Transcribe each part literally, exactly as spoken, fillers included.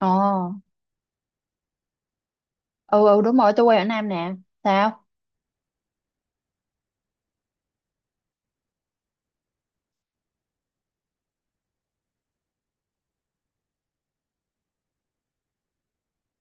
Ồ, ừ ừ đúng rồi, tôi quê ở Nam nè. Sao?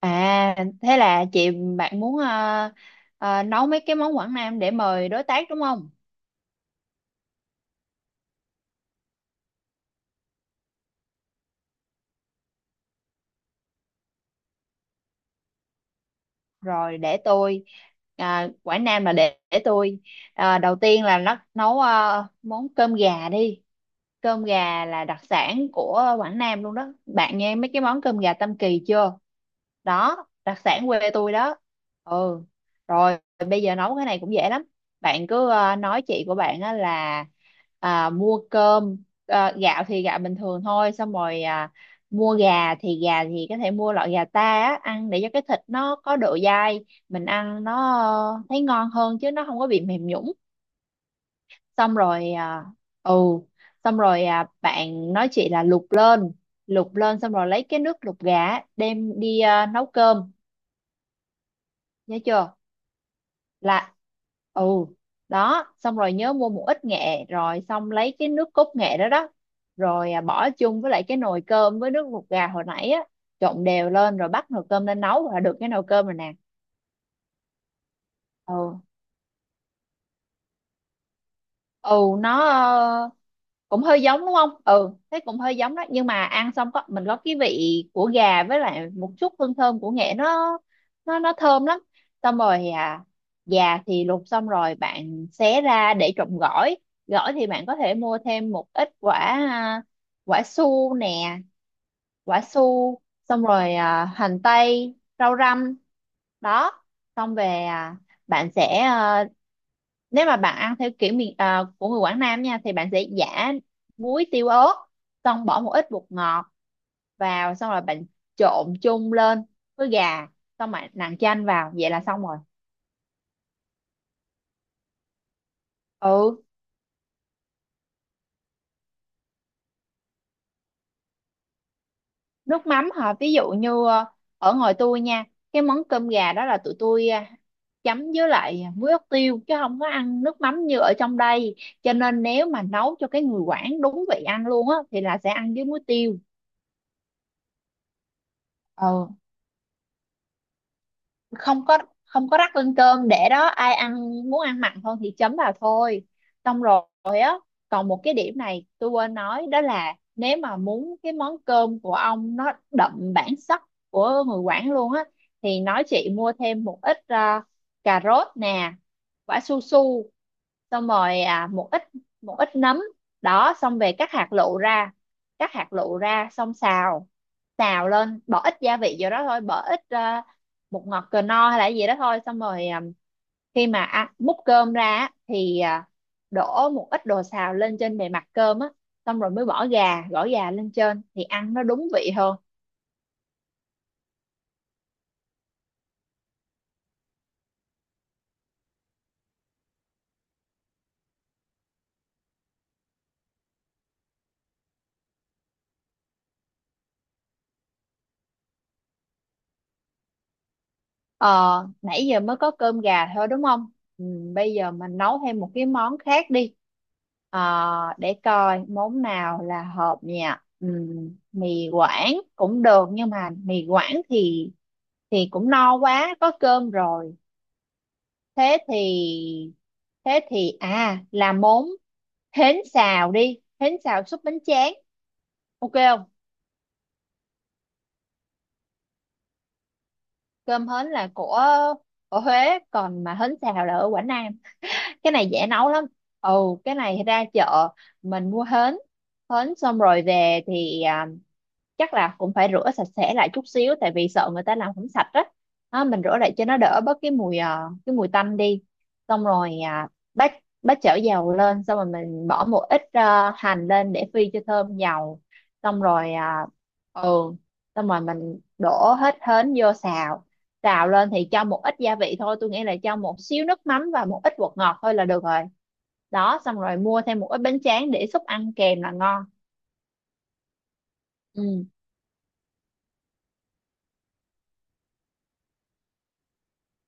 À, thế là chị bạn muốn ờ, ờ, nấu mấy cái món Quảng Nam để mời đối tác đúng không? Rồi để tôi, à, Quảng Nam là để, để tôi, à, đầu tiên là nó nấu ờ, món cơm gà đi. Cơm gà là đặc sản của Quảng Nam luôn đó. Bạn nghe mấy cái món cơm gà Tam Kỳ chưa? Đó, đặc sản quê tôi đó. Ừ, rồi bây giờ nấu cái này cũng dễ lắm, bạn cứ ờ, nói chị của bạn á là, à, mua cơm, ờ, gạo thì gạo bình thường thôi. Xong rồi, à, mua gà thì gà thì có thể mua loại gà ta á, ăn để cho cái thịt nó có độ dai, mình ăn nó ờ, thấy ngon hơn chứ nó không có bị mềm nhũn. Xong rồi, à, ừ xong rồi, à, bạn nói chị là luộc lên, luộc lên xong rồi lấy cái nước luộc gà á, đem đi, à, nấu cơm, nhớ chưa? Là ừ, đó xong rồi nhớ mua một ít nghệ, rồi xong lấy cái nước cốt nghệ đó đó, rồi, à, bỏ chung với lại cái nồi cơm với nước luộc gà hồi nãy á, trộn đều lên rồi bắt nồi cơm lên nấu là được cái nồi cơm rồi nè. Ừ, ừ, nó, ờ, cũng hơi giống đúng không? Ừ, thế cũng hơi giống đó, nhưng mà ăn xong có mình có cái vị của gà với lại một chút hương thơm của nghệ, nó nó nó thơm lắm. Xong rồi à, gà thì luộc xong rồi bạn xé ra để trộn gỏi. Gỏi thì bạn có thể mua thêm một ít quả, à, quả su nè, quả su. Xong rồi, à, hành tây, rau răm. Đó, xong về, à, bạn sẽ, ờ, nếu mà bạn ăn theo kiểu miền, à, của người Quảng Nam nha thì bạn sẽ giả muối tiêu ớt, xong bỏ một ít bột ngọt vào, xong rồi bạn trộn chung lên với gà, xong bạn nặn chanh vào vậy là xong rồi. Ừ, nước mắm hả? Ví dụ như ờ, ở ngoài tôi nha, cái món cơm gà đó là tụi tôi ờ, chấm với lại muối ớt tiêu chứ không có ăn nước mắm như ở trong đây, cho nên nếu mà nấu cho cái người Quảng đúng vị ăn luôn á thì là sẽ ăn với muối tiêu. Ừ, không có, không có rắc lên cơm để đó ai ăn muốn ăn mặn hơn thì chấm vào thôi. Xong rồi á, còn một cái điểm này tôi quên nói, đó là nếu mà muốn cái món cơm của ông nó đậm bản sắc của người Quảng luôn á thì nói chị mua thêm một ít, à, cà rốt nè, quả su su, xong rồi, à, một ít một ít nấm. Đó xong về cắt hạt lựu ra, cắt hạt lựu ra xong xào xào lên, bỏ ít gia vị vô đó thôi, bỏ ít, à, bột ngọt cờ no hay là gì đó thôi, xong rồi, à, khi mà ăn múc cơm ra á, thì, à, đổ một ít đồ xào lên trên bề mặt cơm á, xong rồi mới bỏ gà gỏi gà lên trên thì ăn nó đúng vị hơn. Ờ, nãy giờ mới có cơm gà thôi đúng không? Ừ, bây giờ mình nấu thêm một cái món khác đi. Ờ, để coi món nào là hợp nha. Ừ, mì Quảng cũng được nhưng mà mì Quảng thì thì cũng no quá, có cơm rồi. Thế thì thế thì, à, là món hến xào đi, hến xào súp bánh tráng. OK không? Cơm hến là của ở Huế, còn mà hến xào là ở Quảng Nam. Cái này dễ nấu lắm. Ừ, cái này ra chợ mình mua hến, hến xong rồi về thì, à, chắc là cũng phải rửa sạch sẽ lại chút xíu tại vì sợ người ta làm không sạch á. Đó, mình rửa lại cho nó đỡ bớt cái mùi à, cái mùi tanh đi, xong rồi, à, bắt bắt chảo dầu lên, xong rồi mình bỏ một ít, à, hành lên để phi cho thơm dầu, xong rồi, à, ừ xong rồi mình đổ hết hến vô xào, xào lên thì cho một ít gia vị thôi, tôi nghĩ là cho một xíu nước mắm và một ít bột ngọt thôi là được rồi. Đó xong rồi mua thêm một ít bánh tráng để xúc ăn kèm là ngon. Ừ.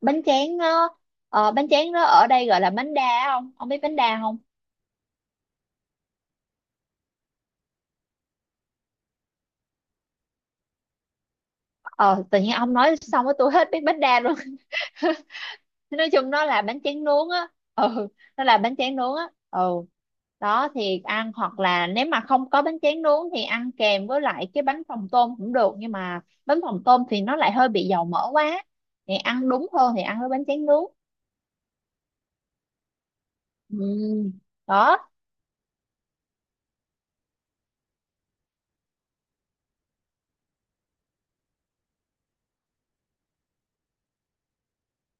bánh tráng nó ờ, Bánh tráng nó ở đây gọi là bánh đa á, không ông biết bánh đa không? Ờ, tự nhiên ông nói xong với tôi hết biết bánh đa luôn. Thế nói chung nó là bánh tráng nướng á. ừ nó là bánh tráng nướng á. Ừ, đó thì ăn, hoặc là nếu mà không có bánh tráng nướng thì ăn kèm với lại cái bánh phồng tôm cũng được, nhưng mà bánh phồng tôm thì nó lại hơi bị dầu mỡ quá, thì ăn đúng hơn thì ăn với bánh tráng nướng. Ừ. Đó,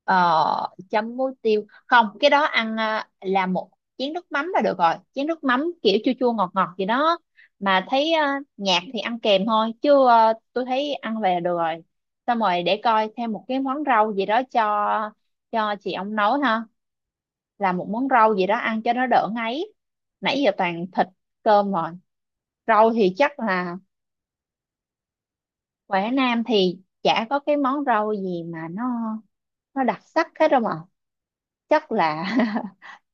ờ, chấm muối tiêu không, cái đó ăn, à, là một chén nước mắm là được rồi, chén nước mắm kiểu chua chua ngọt ngọt gì đó, mà thấy, à, nhạt thì ăn kèm thôi chứ, à, tôi thấy ăn về là được rồi. Xong rồi để coi thêm một cái món rau gì đó cho cho chị ông nấu ha, là một món rau gì đó ăn cho nó đỡ ngấy, nãy giờ toàn thịt cơm rồi. Rau thì chắc là Quảng Nam thì chả có cái món rau gì mà nó nó đặc sắc hết đâu mà. Chắc là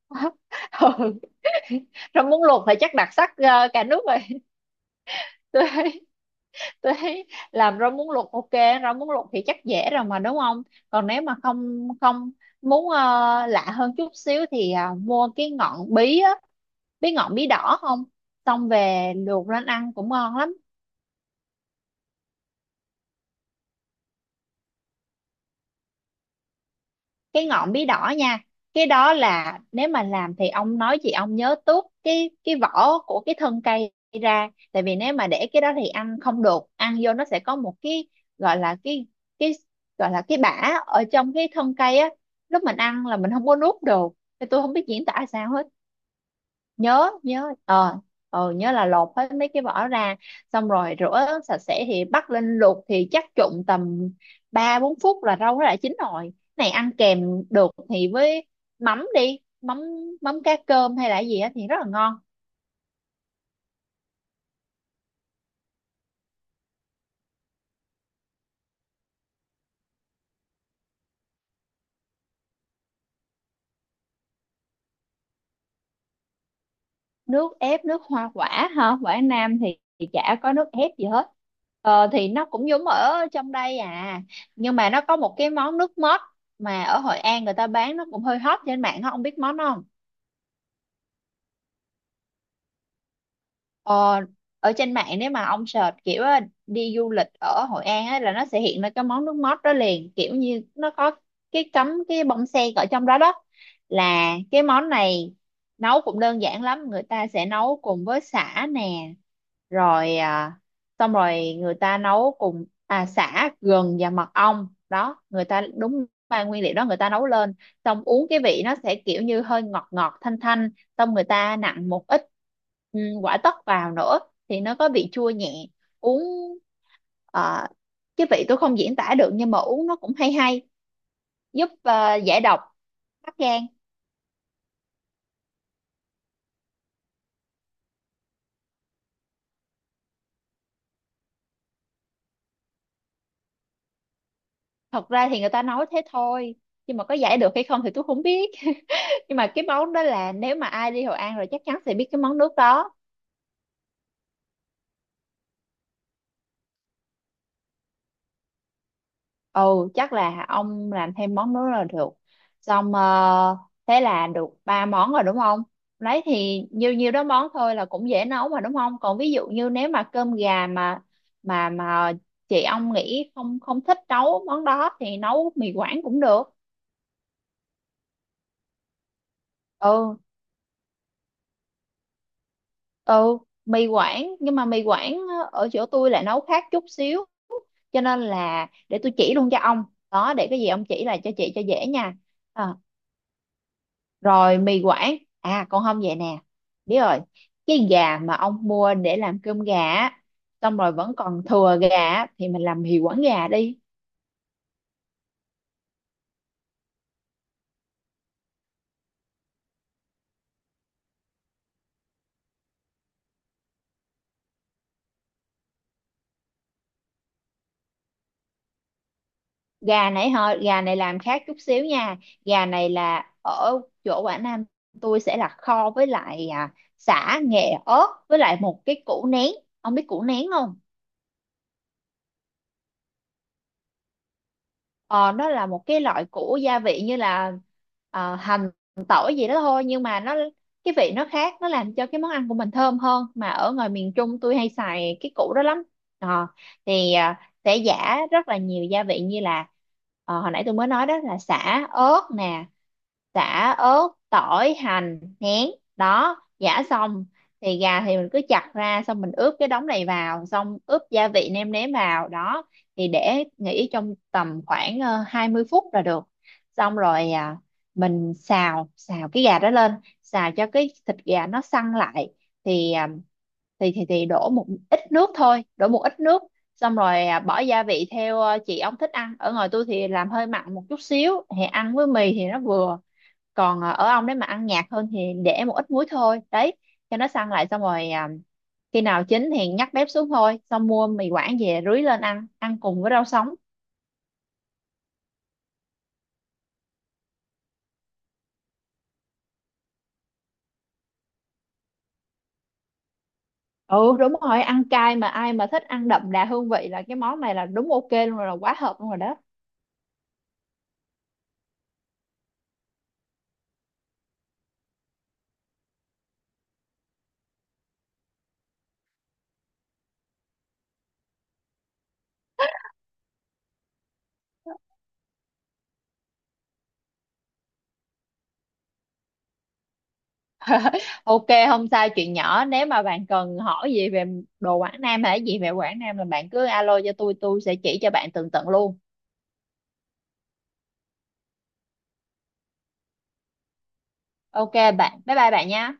ừ. Rau muống luộc thì chắc đặc sắc ờ, cả nước rồi. tôi thấy tôi thấy làm rau muống luộc OK. Rau muống luộc thì chắc dễ rồi mà đúng không? Còn nếu mà không không muốn ờ, lạ hơn chút xíu thì, à, mua cái ngọn bí á, biết ngọn bí đỏ không? Xong về luộc lên ăn cũng ngon lắm. Cái ngọn bí đỏ nha, cái đó là nếu mà làm thì ông nói chị ông nhớ tuốt cái cái vỏ của cái thân cây ra, tại vì nếu mà để cái đó thì ăn không được, ăn vô nó sẽ có một cái gọi là cái cái gọi là cái bã ở trong cái thân cây á, lúc mình ăn là mình không có nuốt được, thì tôi không biết diễn tả sao hết. Nhớ nhớ ờ ờ Nhớ là lột hết mấy cái vỏ ra, xong rồi rửa sạch sẽ thì bắt lên luộc thì chắc trụng tầm ba bốn phút là rau nó đã chín rồi, này ăn kèm được thì với mắm đi, mắm mắm cá cơm hay là gì á thì rất là ngon. Nước ép nước hoa quả hả? Quả Nam thì, thì chả có nước ép gì hết. Ờ, thì nó cũng giống ở trong đây à, nhưng mà nó có một cái món nước mót mà ở Hội An người ta bán nó cũng hơi hot trên mạng á, ông biết món đó không? Ờ, ở trên mạng nếu mà ông search kiểu á, đi du lịch ở Hội An á, là nó sẽ hiện ra cái món nước mót đó liền, kiểu như nó có cái cắm cái bông sen ở trong đó. Đó là cái món này, nấu cũng đơn giản lắm, người ta sẽ nấu cùng với sả nè, rồi à, xong rồi người ta nấu cùng à sả gừng và mật ong đó, người ta đúng ba nguyên liệu đó người ta nấu lên, xong uống cái vị nó sẽ kiểu như hơi ngọt ngọt thanh thanh, xong người ta nặn một ít, ừ, quả tắc vào nữa thì nó có vị chua nhẹ, uống, ờ, cái vị tôi không diễn tả được nhưng mà uống nó cũng hay hay, giúp ờ, giải độc mắc gan. Thật ra thì người ta nói thế thôi, nhưng mà có giải được hay không thì tôi không biết, nhưng mà cái món đó là nếu mà ai đi Hội An rồi chắc chắn sẽ biết cái món nước đó. Ừ, chắc là ông làm thêm món nước là được, xong ờ, thế là được ba món rồi đúng không? Đấy thì nhiêu nhiêu đó món thôi là cũng dễ nấu mà đúng không, còn ví dụ như nếu mà cơm gà mà mà mà chị ông nghĩ không không thích nấu món đó thì nấu mì Quảng cũng được. Ừ, ừ mì Quảng, nhưng mà mì Quảng ở chỗ tôi lại nấu khác chút xíu, cho nên là để tôi chỉ luôn cho ông. Đó để cái gì ông chỉ là cho chị cho dễ nha. Ờ, rồi mì Quảng à, còn không vậy nè, biết rồi, cái gà mà ông mua để làm cơm gà á, xong rồi vẫn còn thừa gà á, thì mình làm mì Quảng gà đi. Gà nãy hơi Gà này làm khác chút xíu nha, gà này là ở chỗ Quảng Nam, tôi sẽ là kho với lại, à, sả nghệ ớt với lại một cái củ nén, ông biết củ nén không? Ờ, nó là một cái loại củ gia vị như là, ờ, hành tỏi gì đó thôi, nhưng mà nó cái vị nó khác, nó làm cho cái món ăn của mình thơm hơn, mà ở ngoài miền Trung tôi hay xài cái củ đó lắm. Ờ, thì, ờ, sẽ giả rất là nhiều gia vị như là, ờ, hồi nãy tôi mới nói đó là sả ớt nè, sả ớt tỏi hành nén. Đó giã xong, thì gà thì mình cứ chặt ra, xong mình ướp cái đống này vào, xong ướp gia vị nêm nếm vào đó, thì để nghỉ trong tầm khoảng ờ, hai mươi phút là được. Xong rồi, à, mình xào xào cái gà đó lên, xào cho cái thịt gà nó săn lại thì, à, thì thì thì đổ một ít nước thôi, đổ một ít nước, xong rồi, à, bỏ gia vị theo, ờ, chị ông thích ăn, ở ngoài tôi thì làm hơi mặn một chút xíu thì ăn với mì thì nó vừa, còn, à, ở ông đấy mà ăn nhạt hơn thì để một ít muối thôi đấy, cho nó săn lại xong rồi, à, khi nào chín thì nhắc bếp xuống thôi, xong mua mì Quảng về rưới lên ăn, ăn cùng với rau sống. Ừ đúng rồi, ăn cay mà ai mà thích ăn đậm đà hương vị là cái món này là đúng OK luôn rồi, là quá hợp luôn rồi đó. OK không sai, chuyện nhỏ, nếu mà bạn cần hỏi gì về đồ Quảng Nam hay gì về Quảng Nam là bạn cứ alo cho tôi tôi sẽ chỉ cho bạn tường tận luôn. OK bạn, bye bye bạn nha.